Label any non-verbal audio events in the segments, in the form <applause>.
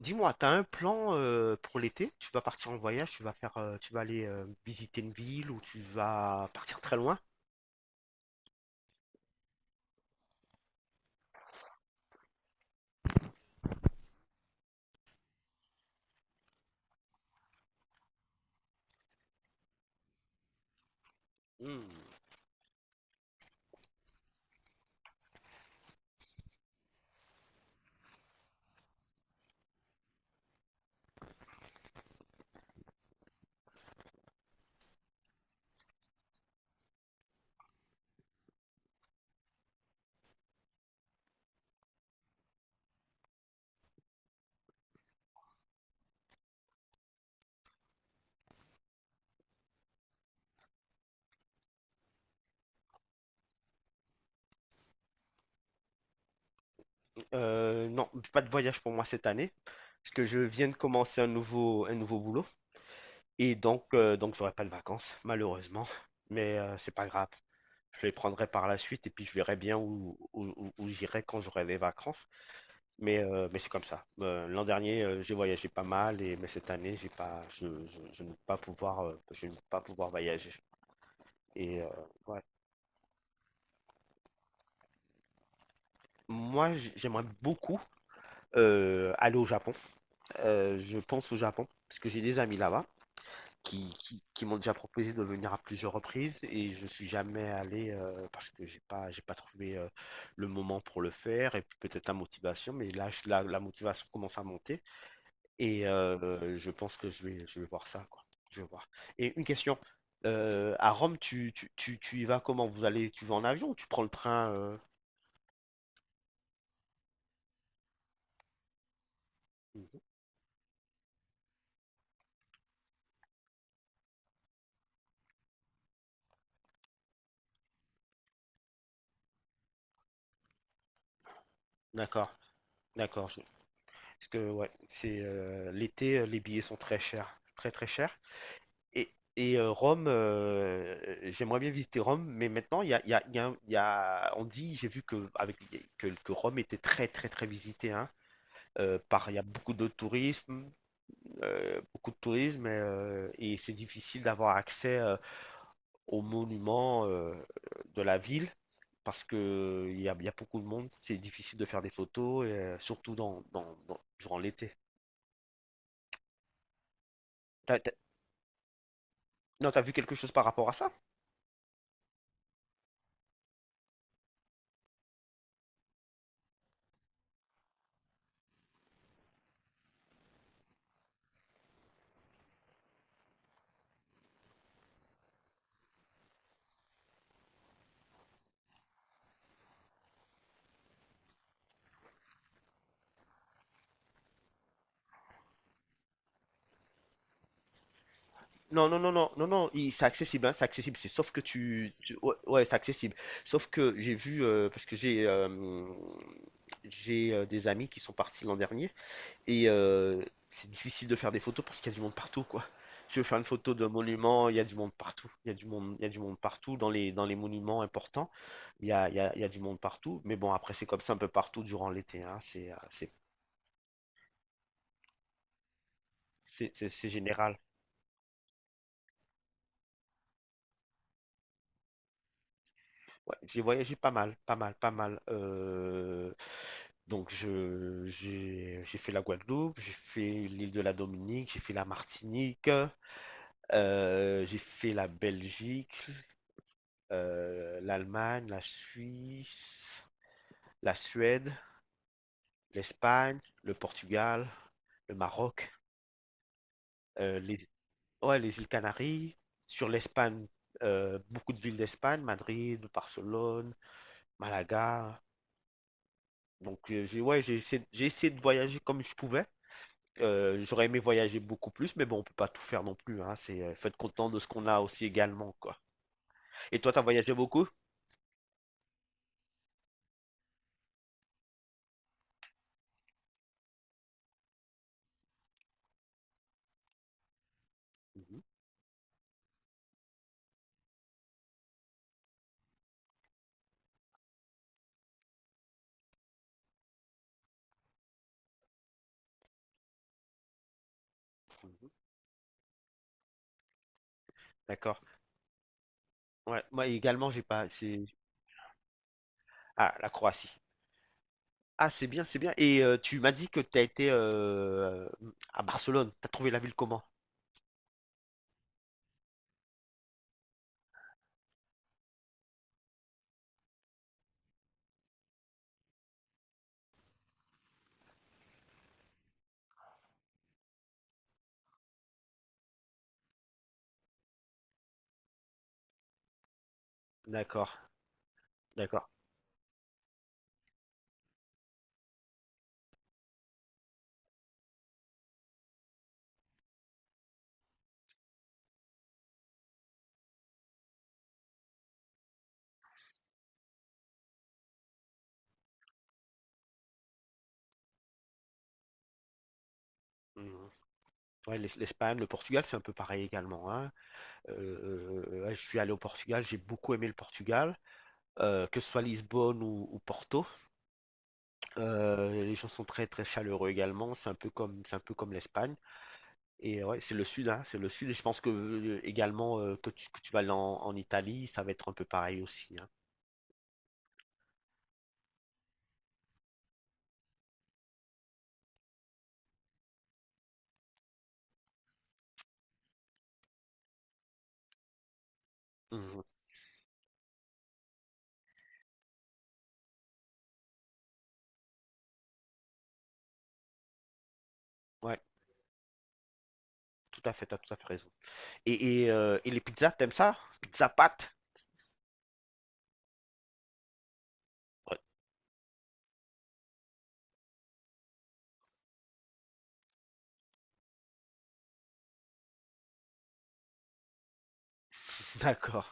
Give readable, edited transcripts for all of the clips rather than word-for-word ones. Dis-moi, t'as un plan pour l'été? Tu vas partir en voyage, tu vas faire, tu vas aller visiter une ville ou tu vas partir très loin? Hmm. Non, pas de voyage pour moi cette année, parce que je viens de commencer un nouveau boulot et donc j'aurai pas de vacances, malheureusement. Mais c'est pas grave, je les prendrai par la suite et puis je verrai bien où j'irai quand j'aurai des vacances. Mais c'est comme ça. L'an dernier, j'ai voyagé pas mal et mais cette année, j'ai pas, je ne vais pas pouvoir, voyager. Et ouais. Moi, j'aimerais beaucoup aller au Japon. Je pense au Japon parce que j'ai des amis là-bas qui m'ont déjà proposé de venir à plusieurs reprises et je suis jamais allé parce que j'ai pas trouvé le moment pour le faire et puis peut-être la motivation. Mais là, la motivation commence à monter et je pense que je vais voir ça, quoi. Je vais voir. Et une question. À Rome, tu y vas comment? Tu vas en avion ou tu prends le train Mhm. D'accord, d'accord. Parce que ouais, c'est l'été, les billets sont très chers, très très chers. Et Rome, j'aimerais bien visiter Rome, mais maintenant il y a, il y a- il y a il y a- on dit, j'ai vu que que Rome était très très très visitée, hein, par il y a beaucoup de tourisme, et c'est difficile d'avoir accès aux monuments de la ville. Parce que il y a beaucoup de monde, c'est difficile de faire des photos, et surtout durant l'été. Non, t'as vu quelque chose par rapport à ça? Non, non, non, non, non, non, c'est accessible, hein, c'est accessible. C'est sauf que ouais, ouais, c'est accessible. Sauf que j'ai vu parce que j'ai des amis qui sont partis l'an dernier et c'est difficile de faire des photos parce qu'il y a du monde partout, quoi. Si tu veux faire une photo d'un monument, il y a du monde partout. Il y a du monde, il y a du monde partout dans les monuments importants. Il y a, il y a, il y a du monde partout. Mais bon, après c'est comme ça un peu partout durant l'été, hein. C'est général. Ouais, j'ai voyagé pas mal, pas mal, pas mal. Donc je j'ai fait la Guadeloupe, j'ai fait l'île de la Dominique, j'ai fait la Martinique, j'ai fait la Belgique, l'Allemagne, la Suisse, la Suède, l'Espagne, le Portugal, le Maroc, les ouais, les îles Canaries. Sur l'Espagne, beaucoup de villes d'Espagne, Madrid, Barcelone, Malaga. Donc, j'ai ouais, j'ai essayé de voyager comme je pouvais. J'aurais aimé voyager beaucoup plus, mais bon, on peut pas tout faire non plus, hein. C'est faut être content de ce qu'on a aussi également, quoi. Et toi, t'as voyagé beaucoup? Mhm, mhm. D'accord. Ouais, moi également, j'ai pas. Ah, la Croatie. Ah, c'est bien, c'est bien. Et tu m'as dit que t'as été à Barcelone. T'as trouvé la ville comment? D'accord, d'accord. Mhm. Ouais, l'Espagne, le Portugal, c'est un peu pareil également, hein. Ouais, je suis allé au Portugal, j'ai beaucoup aimé le Portugal. Que ce soit Lisbonne ou Porto. Les gens sont très très chaleureux également. C'est un peu comme l'Espagne. Et ouais, c'est le sud, hein, c'est le sud. Et je pense que également que tu vas aller en Italie, ça va être un peu pareil aussi, hein. Mhm. Ouais, tout à fait, t'as tout à fait raison. Et les pizzas, t'aimes ça? Pizza pâte? Ouais. <laughs> D'accord.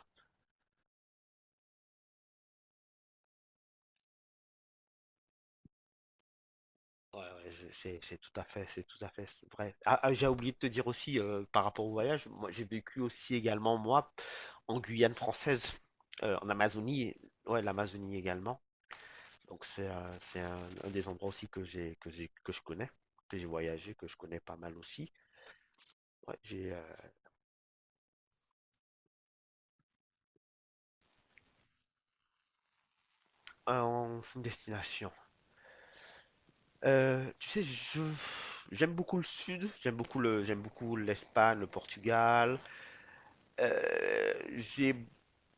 Ouais, ouais, c'est tout à fait, c'est tout à fait vrai. Ah, ah, j'ai oublié de te dire aussi par rapport au voyage, moi j'ai vécu aussi également moi en Guyane française, en Amazonie, ouais l'Amazonie également. Donc c'est un des endroits aussi que j'ai que j'ai que je connais, que j'ai voyagé, que je connais pas mal aussi. Ouais, j'ai <laughs> une destination. Tu sais, je j'aime beaucoup le sud, j'aime beaucoup l'Espagne, le Portugal. J'ai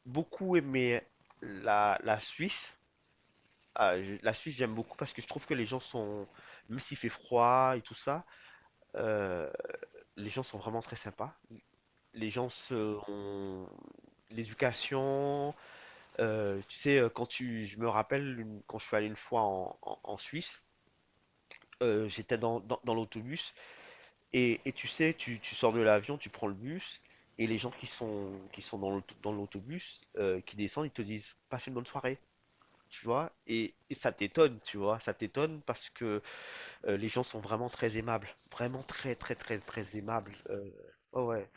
beaucoup aimé la Suisse. Ah, la Suisse, j'aime beaucoup parce que je trouve que les gens sont, même s'il fait froid et tout ça, euh, les gens sont vraiment très sympas. Les gens ont l'éducation, tu sais, je me rappelle quand je suis allé une fois en, en- en Suisse, j'étais dans, dans- dans l'autobus et tu sais, tu sors de l'avion, tu prends le bus et les gens qui sont dans dans l'autobus, qui descendent, ils te disent, passe une bonne soirée. Tu vois, et ça t'étonne, tu vois, ça t'étonne parce que les gens sont vraiment très aimables, vraiment très très très très aimables. Oh ouais,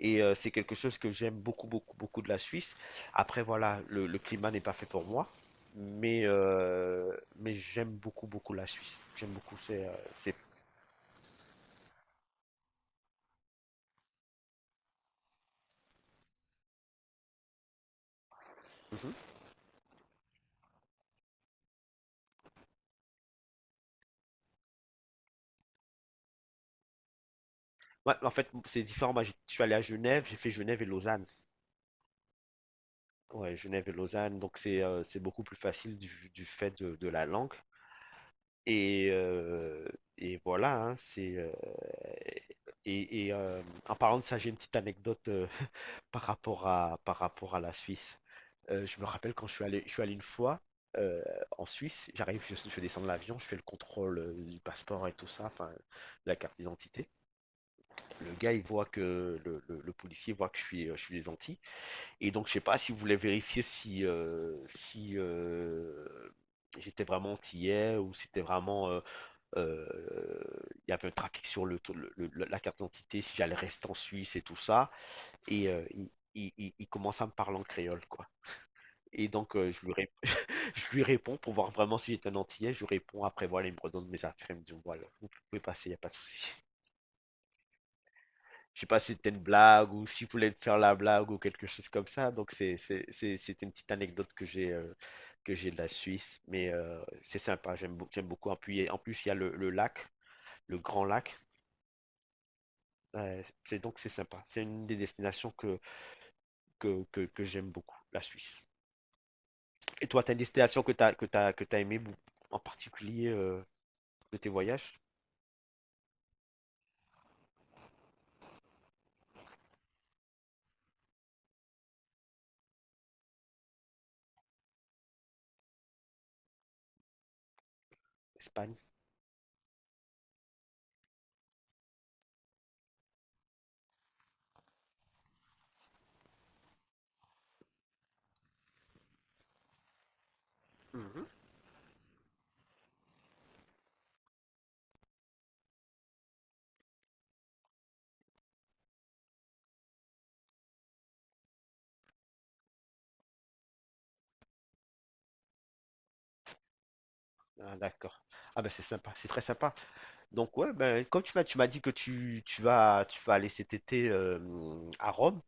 et c'est quelque chose que j'aime beaucoup beaucoup beaucoup de la Suisse. Après voilà, le climat n'est pas fait pour moi, mais mais j'aime beaucoup beaucoup la Suisse. J'aime beaucoup. Mhm. Ouais, en fait c'est différent. Moi, j'ai je suis allé à Genève, j'ai fait Genève et Lausanne. Ouais, Genève et Lausanne, donc c'est beaucoup plus facile du fait de la langue. Et, euh, et voilà, hein. Et et, euh, En parlant de ça, j'ai une petite anecdote <laughs> par rapport à la Suisse. Je me rappelle quand je suis allé une fois euh, en Suisse, j'arrive, je descends de l'avion, je fais le contrôle du passeport et tout ça, enfin, la carte d'identité. Le gars, il voit que le policier voit que je suis des Antilles. Et donc, je sais pas si vous voulez vérifier si, si j'étais vraiment antillais ou si c'était vraiment euh, il y avait un trafic sur la carte d'identité, si j'allais rester en Suisse et tout ça. Et il commence à me parler en créole, quoi. Et donc, <laughs> je lui réponds pour voir vraiment si j'étais un Antillais. Je lui réponds, après, voilà, il me redonne mes affaires. Il me dit, bon, voilà, vous pouvez passer, il n'y a pas de souci. Je sais pas si c'était une blague ou si s'il voulait me faire la blague ou quelque chose comme ça. Donc, c'est une petite anecdote que j'ai de la Suisse. Mais c'est sympa, j'aime beaucoup. Appuyer. En plus, il y a le lac, le grand lac. C'est donc c'est sympa. C'est une des destinations que j'aime beaucoup, la Suisse. Et toi, t'as une destination que t'as aimé en particulier de tes voyages? Espagne? Mhm. Ah, d'accord. Ah ben c'est sympa, c'est très sympa. Donc ouais, ben comme tu m'as dit que tu vas aller cet été à Rome,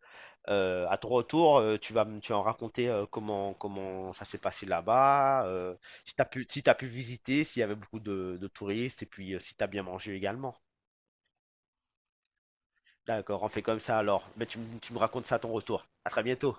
à ton retour, tu vas en raconter comment ça s'est passé là-bas, si t'as pu si t'as pu visiter, s'il y avait beaucoup de touristes et puis si t'as bien mangé également. D'accord, on fait comme ça alors. Mais tu me racontes ça à ton retour. À très bientôt.